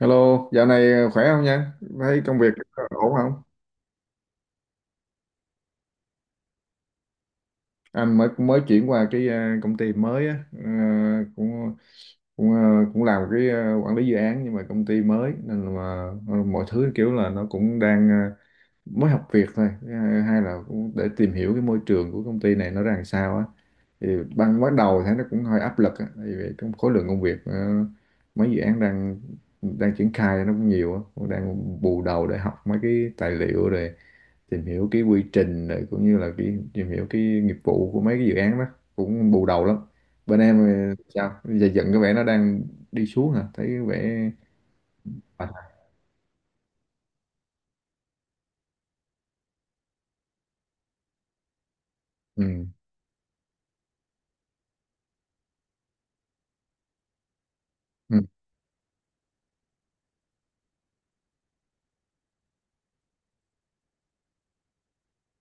Hello, dạo này khỏe không nha? Thấy công việc ổn không? Anh mới mới chuyển qua cái công ty mới á, cũng cũng à, cũng làm cái quản lý dự án, nhưng mà công ty mới nên là mọi thứ kiểu là nó cũng đang mới học việc thôi, À, hay là cũng để tìm hiểu cái môi trường của công ty này nó ra làm sao á. Thì ban bắt đầu thấy nó cũng hơi áp lực á, tại vì trong khối lượng công việc mấy dự án đang đang triển khai nó cũng nhiều á, cũng đang bù đầu để học mấy cái tài liệu rồi tìm hiểu cái quy trình rồi cũng như là cái tìm hiểu cái nghiệp vụ của mấy cái dự án đó, cũng bù đầu lắm bên em. Sao giờ dần cái vẻ nó đang đi xuống hả, thấy cái vẻ À, ừ, ừ,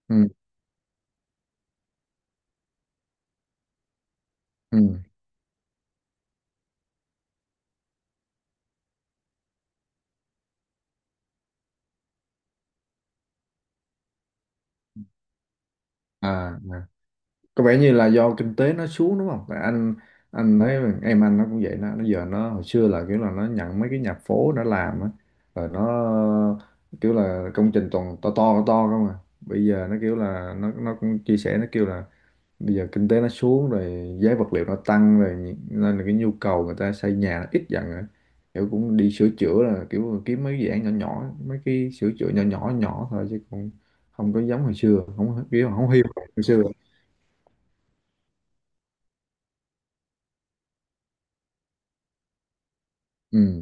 ừ, ừ. À, à. Có vẻ như là do kinh tế nó xuống đúng không? Tại anh thấy em anh nó cũng vậy, nó giờ nó hồi xưa là kiểu là nó nhận mấy cái nhà phố nó làm á, rồi nó kiểu là công trình toàn to không à, bây giờ nó kiểu là nó cũng chia sẻ, nó kêu là bây giờ kinh tế nó xuống rồi, giá vật liệu nó tăng rồi, nên là cái nhu cầu người ta xây nhà nó ít dần rồi, kiểu cũng đi sửa chữa, là kiểu kiếm mấy dự án nhỏ nhỏ, mấy cái sửa chữa nhỏ nhỏ nhỏ thôi, chứ cũng không có giống hồi xưa, không kiểu không hiu hồi xưa. Ừ.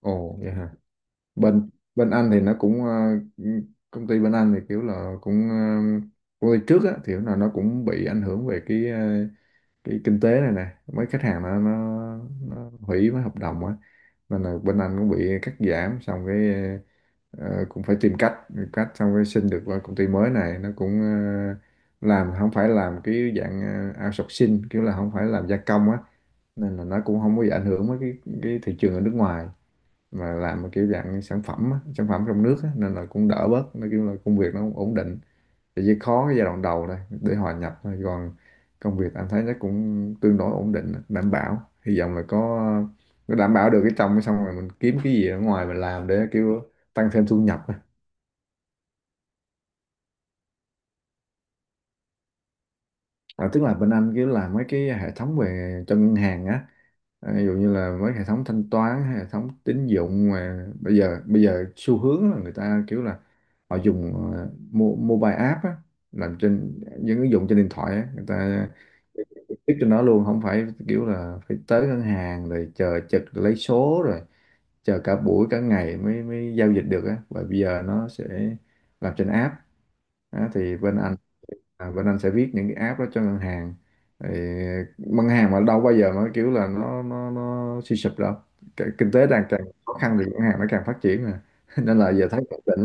Ồ vậy hả. Bên bên anh thì nó cũng công ty bên anh thì kiểu là cũng công ty trước á thì là nó cũng bị ảnh hưởng về cái cái kinh tế này nè, mấy khách hàng nó hủy mấy hợp đồng á, nên là bên anh cũng bị cắt giảm, xong cái ờ, cũng phải tìm cách cách xong cái xin được qua công ty mới, này nó cũng làm không phải làm cái dạng outsourcing, kiểu là không phải làm gia công á, nên là nó cũng không có bị ảnh hưởng với cái thị trường ở nước ngoài, mà làm một kiểu dạng sản phẩm á, sản phẩm trong nước á, nên là cũng đỡ bớt, nó kiểu là công việc nó cũng ổn định, thì chỉ khó cái giai đoạn đầu thôi để hòa nhập thôi, còn công việc anh thấy nó cũng tương đối ổn định, đảm bảo, hy vọng là có đảm bảo được cái trong cái xong rồi mình kiếm cái gì ở ngoài mình làm để kiểu tăng thêm thu nhập á. Tức là bên anh kiểu làm mấy cái hệ thống về cho ngân hàng á, à, ví dụ như là mấy hệ thống thanh toán, hệ thống tín dụng, mà bây giờ xu hướng là người ta kiểu là họ dùng mobile app á, làm trên những ứng dụng trên điện thoại á, người ta biết trên đó luôn, không phải kiểu là phải tới ngân hàng rồi chờ trực lấy số rồi chờ cả buổi cả ngày mới mới giao dịch được á, và bây giờ nó sẽ làm trên app á, thì bên anh, bên anh sẽ viết những cái app đó cho ngân hàng. Thì ngân hàng mà đâu bao giờ mà kiểu là nó suy sụp đâu. Cái kinh tế đang càng khó khăn thì ngân hàng nó càng phát triển mà. Nên là giờ thấy ổn định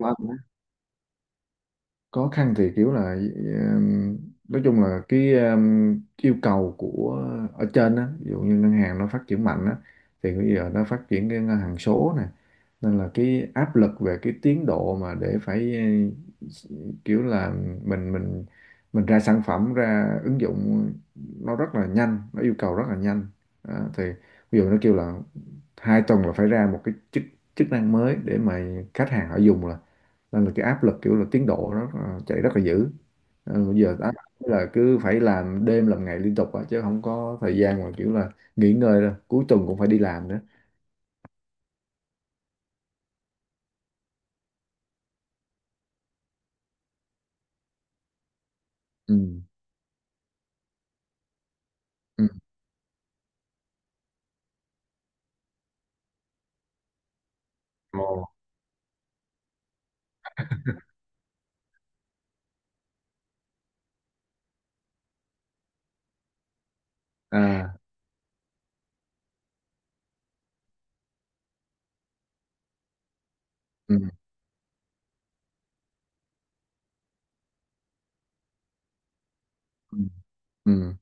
lắm. Khó khăn thì kiểu là nói chung là cái yêu cầu của ở trên á, ví dụ như ngân hàng nó phát triển mạnh á, thì bây giờ nó phát triển cái ngân hàng số nè, nên là cái áp lực về cái tiến độ mà để phải, ừ, kiểu là mình mình mình ra sản phẩm, ra ứng dụng nó rất là nhanh, nó yêu cầu rất là nhanh. Thì ví dụ nó kêu là hai tuần là phải ra một cái chức chức năng mới để mà khách hàng họ dùng, nên là cái áp lực kiểu là tiến độ nó chạy rất là dữ. Ờ, bây giờ áp lực là cứ phải làm đêm làm ngày liên tục á, chứ không có thời gian mà kiểu là nghỉ ngơi đâu, cuối tuần cũng phải đi làm nữa. Ừ. Ừ. Ồ. À. Ừ. Ừ. Ừ.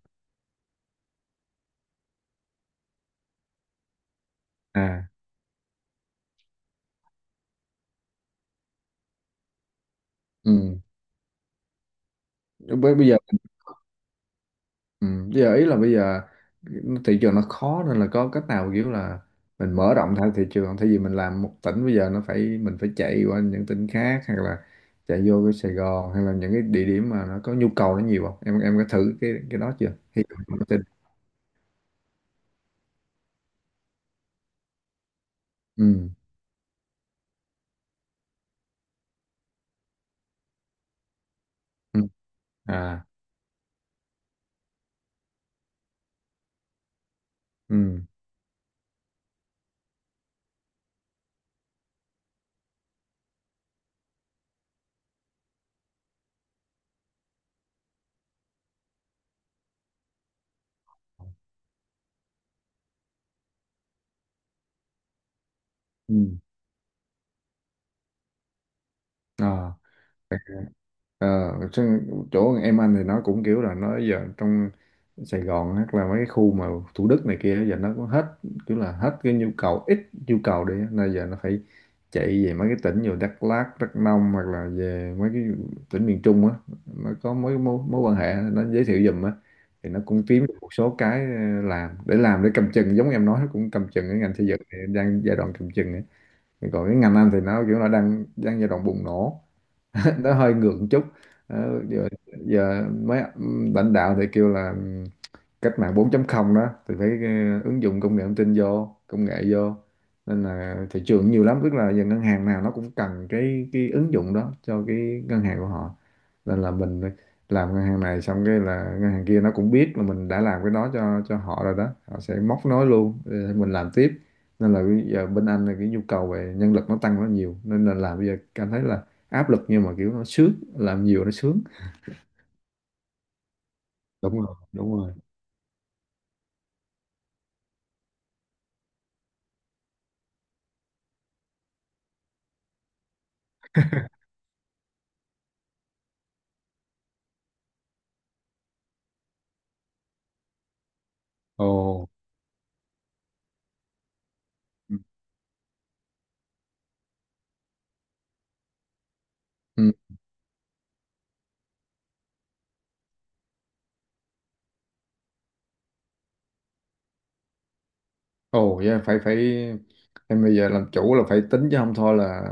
À. Ừ. bây bây giờ ừ, giờ ý là bây giờ thị trường nó khó, nên là có cách nào kiểu là mình mở rộng theo thị trường không? Thay vì mình làm một tỉnh, bây giờ nó phải mình phải chạy qua những tỉnh khác, hoặc là chạy vô cái Sài Gòn, hay là những cái địa điểm mà nó có nhu cầu nó nhiều không, em có thử cái đó chưa. Hy vọng em tin. Ừ. Ừ. À. Ừ. Ừ. À. Ờ, chứ chỗ em anh thì nó cũng kiểu là nó giờ trong Sài Gòn hoặc là mấy cái khu mà Thủ Đức này kia giờ nó cũng hết, kiểu là hết cái nhu cầu, ít nhu cầu đi á, nên giờ nó phải chạy về mấy cái tỉnh như Đắk Lắk, Đắk Nông, hoặc là về mấy cái tỉnh miền Trung á, nó có mối mối, mối quan hệ nó giới thiệu giùm á, thì nó cũng kiếm được một số cái làm để cầm chừng, giống em nói cũng cầm chừng, cái ngành xây dựng thì đang giai đoạn cầm chừng ấy. Còn cái ngành anh thì nó kiểu là đang đang giai đoạn bùng nổ. Nó hơi ngược một chút. Ờ, giờ, giờ mấy lãnh đạo thì kêu là cách mạng 4 không đó, thì phải ứng dụng công nghệ thông tin vô, công nghệ vô, nên là thị trường nhiều lắm, tức là giờ ngân hàng nào nó cũng cần cái ứng dụng đó cho cái ngân hàng của họ, nên là mình làm ngân hàng này xong cái là ngân hàng kia nó cũng biết là mình đã làm cái đó cho họ rồi đó, họ sẽ móc nối luôn để mình làm tiếp, nên là bây giờ bên anh là cái nhu cầu về nhân lực nó tăng rất nhiều, nên là làm bây giờ cảm thấy là áp lực, nhưng mà kiểu nó sướng, làm nhiều nó sướng. Đúng rồi. Ồ. Ừ. Ừ. Ồ yeah, phải phải em bây giờ làm chủ là phải tính, chứ không thôi là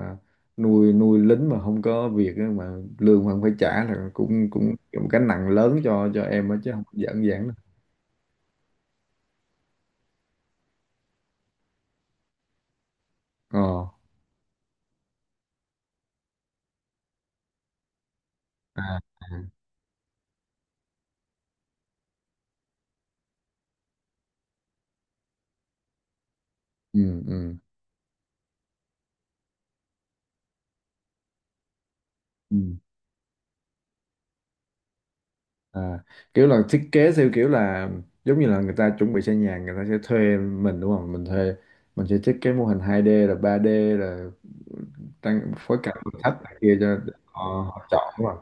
nuôi nuôi lính mà không có việc á, mà lương mà không phải trả là cũng cũng một cái nặng lớn cho em á, chứ không đơn giản giản đâu. Ờ. À. À. Ừ. Ừ. À, kiểu là thiết kế theo kiểu là giống như là người ta chuẩn bị xây nhà, người ta sẽ thuê mình đúng không? Mình thuê mình sẽ thiết kế mô hình 2D là 3D là tăng phối cảnh nội thất này kia cho họ, họ chọn đúng không?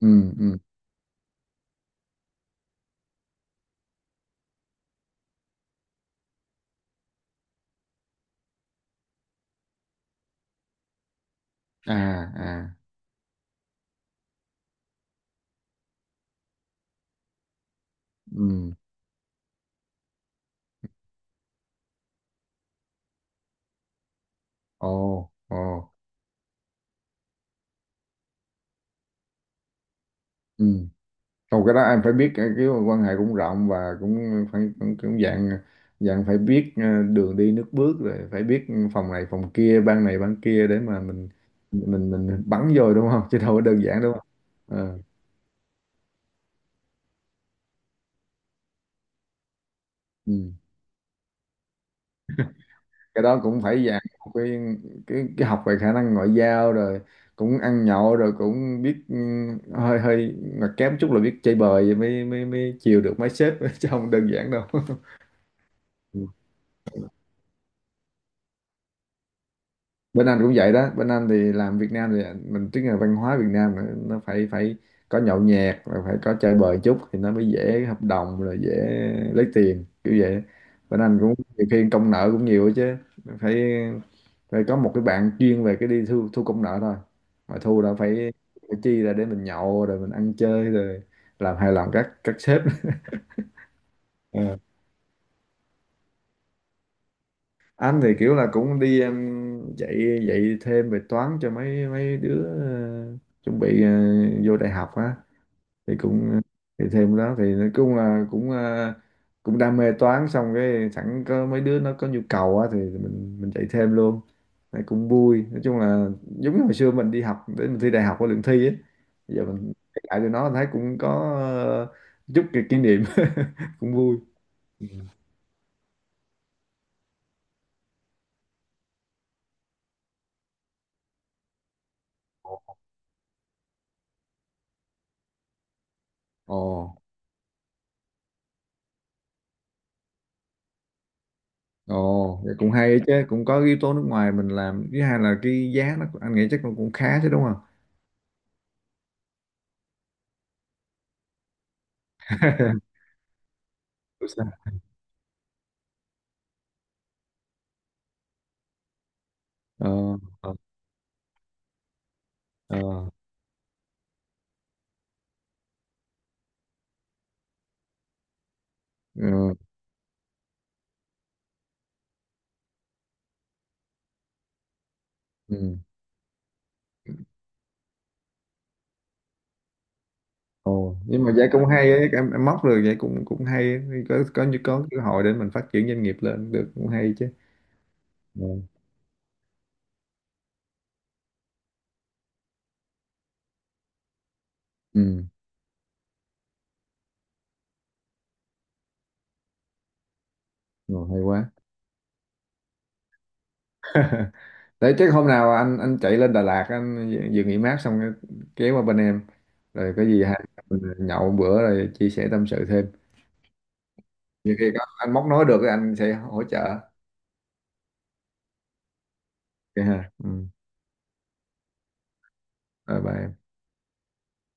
Ừ. ừ. À à. Ừ. Ồ ồ. Ừ. Không cái đó em phải biết cái quan hệ cũng rộng, và cũng phải cũng, cũng dạng dạng phải biết đường đi nước bước, rồi phải biết phòng này phòng kia, ban này ban kia, để mà mình mình bắn vô đúng không, chứ đâu có đơn giản đúng không. Ờ, ừ, cái đó cũng phải dạng một cái học về khả năng ngoại giao, rồi cũng ăn nhậu rồi cũng biết, ừ, hơi hơi mà kém chút là biết chơi bời vậy mới mới mới chiều được mấy sếp chứ không đơn giản đâu. Ừ. Bên Anh cũng vậy đó, bên Anh thì làm Việt Nam thì mình tức là văn hóa Việt Nam nó phải phải có nhậu nhẹt rồi phải có chơi bời chút thì nó mới dễ hợp đồng rồi dễ lấy tiền kiểu vậy. Bên Anh cũng nhiều khi công nợ cũng nhiều ấy chứ, phải phải có một cái bạn chuyên về cái đi thu thu công nợ thôi, mà thu đã phải chi ra để mình nhậu rồi mình ăn chơi rồi làm hài lòng các sếp. Anh thì kiểu là cũng đi em, dạy dạy thêm về toán cho mấy mấy đứa chuẩn bị vô đại học á, thì cũng thì thêm đó, thì nói chung là cũng cũng đam mê toán, xong cái sẵn có mấy đứa nó có nhu cầu á thì mình dạy thêm luôn, này cũng vui. Nói chung là giống như hồi xưa mình đi học để mình thi đại học có lượng thi ấy, bây giờ mình kể lại cho nó thấy cũng có ờ, chút cái kỷ niệm, cũng vui. Ồ. Ồ, vậy cũng hay đấy chứ, cũng có yếu tố nước ngoài mình làm, thứ hai là cái giá nó anh nghĩ chắc nó cũng khá chứ đúng không? Không sao. Ờ. ờ, ờ, ừ, ừ. Ồ, nhưng mà vậy cũng hay ấy, em móc được vậy cũng cũng hay, ấy. Có như có cơ hội để mình phát triển doanh nghiệp lên được cũng hay chứ. Ừ, ừ, rồi, hay quá. Đấy chắc hôm nào anh chạy lên Đà Lạt, anh vừa nghỉ mát xong cái- kéo qua bên em, rồi có gì hai mình nhậu một bữa rồi chia sẻ tâm sự thêm. Nhiều khi có anh móc nói được anh sẽ hỗ trợ. Vậy hả? Ừ. Rồi bye.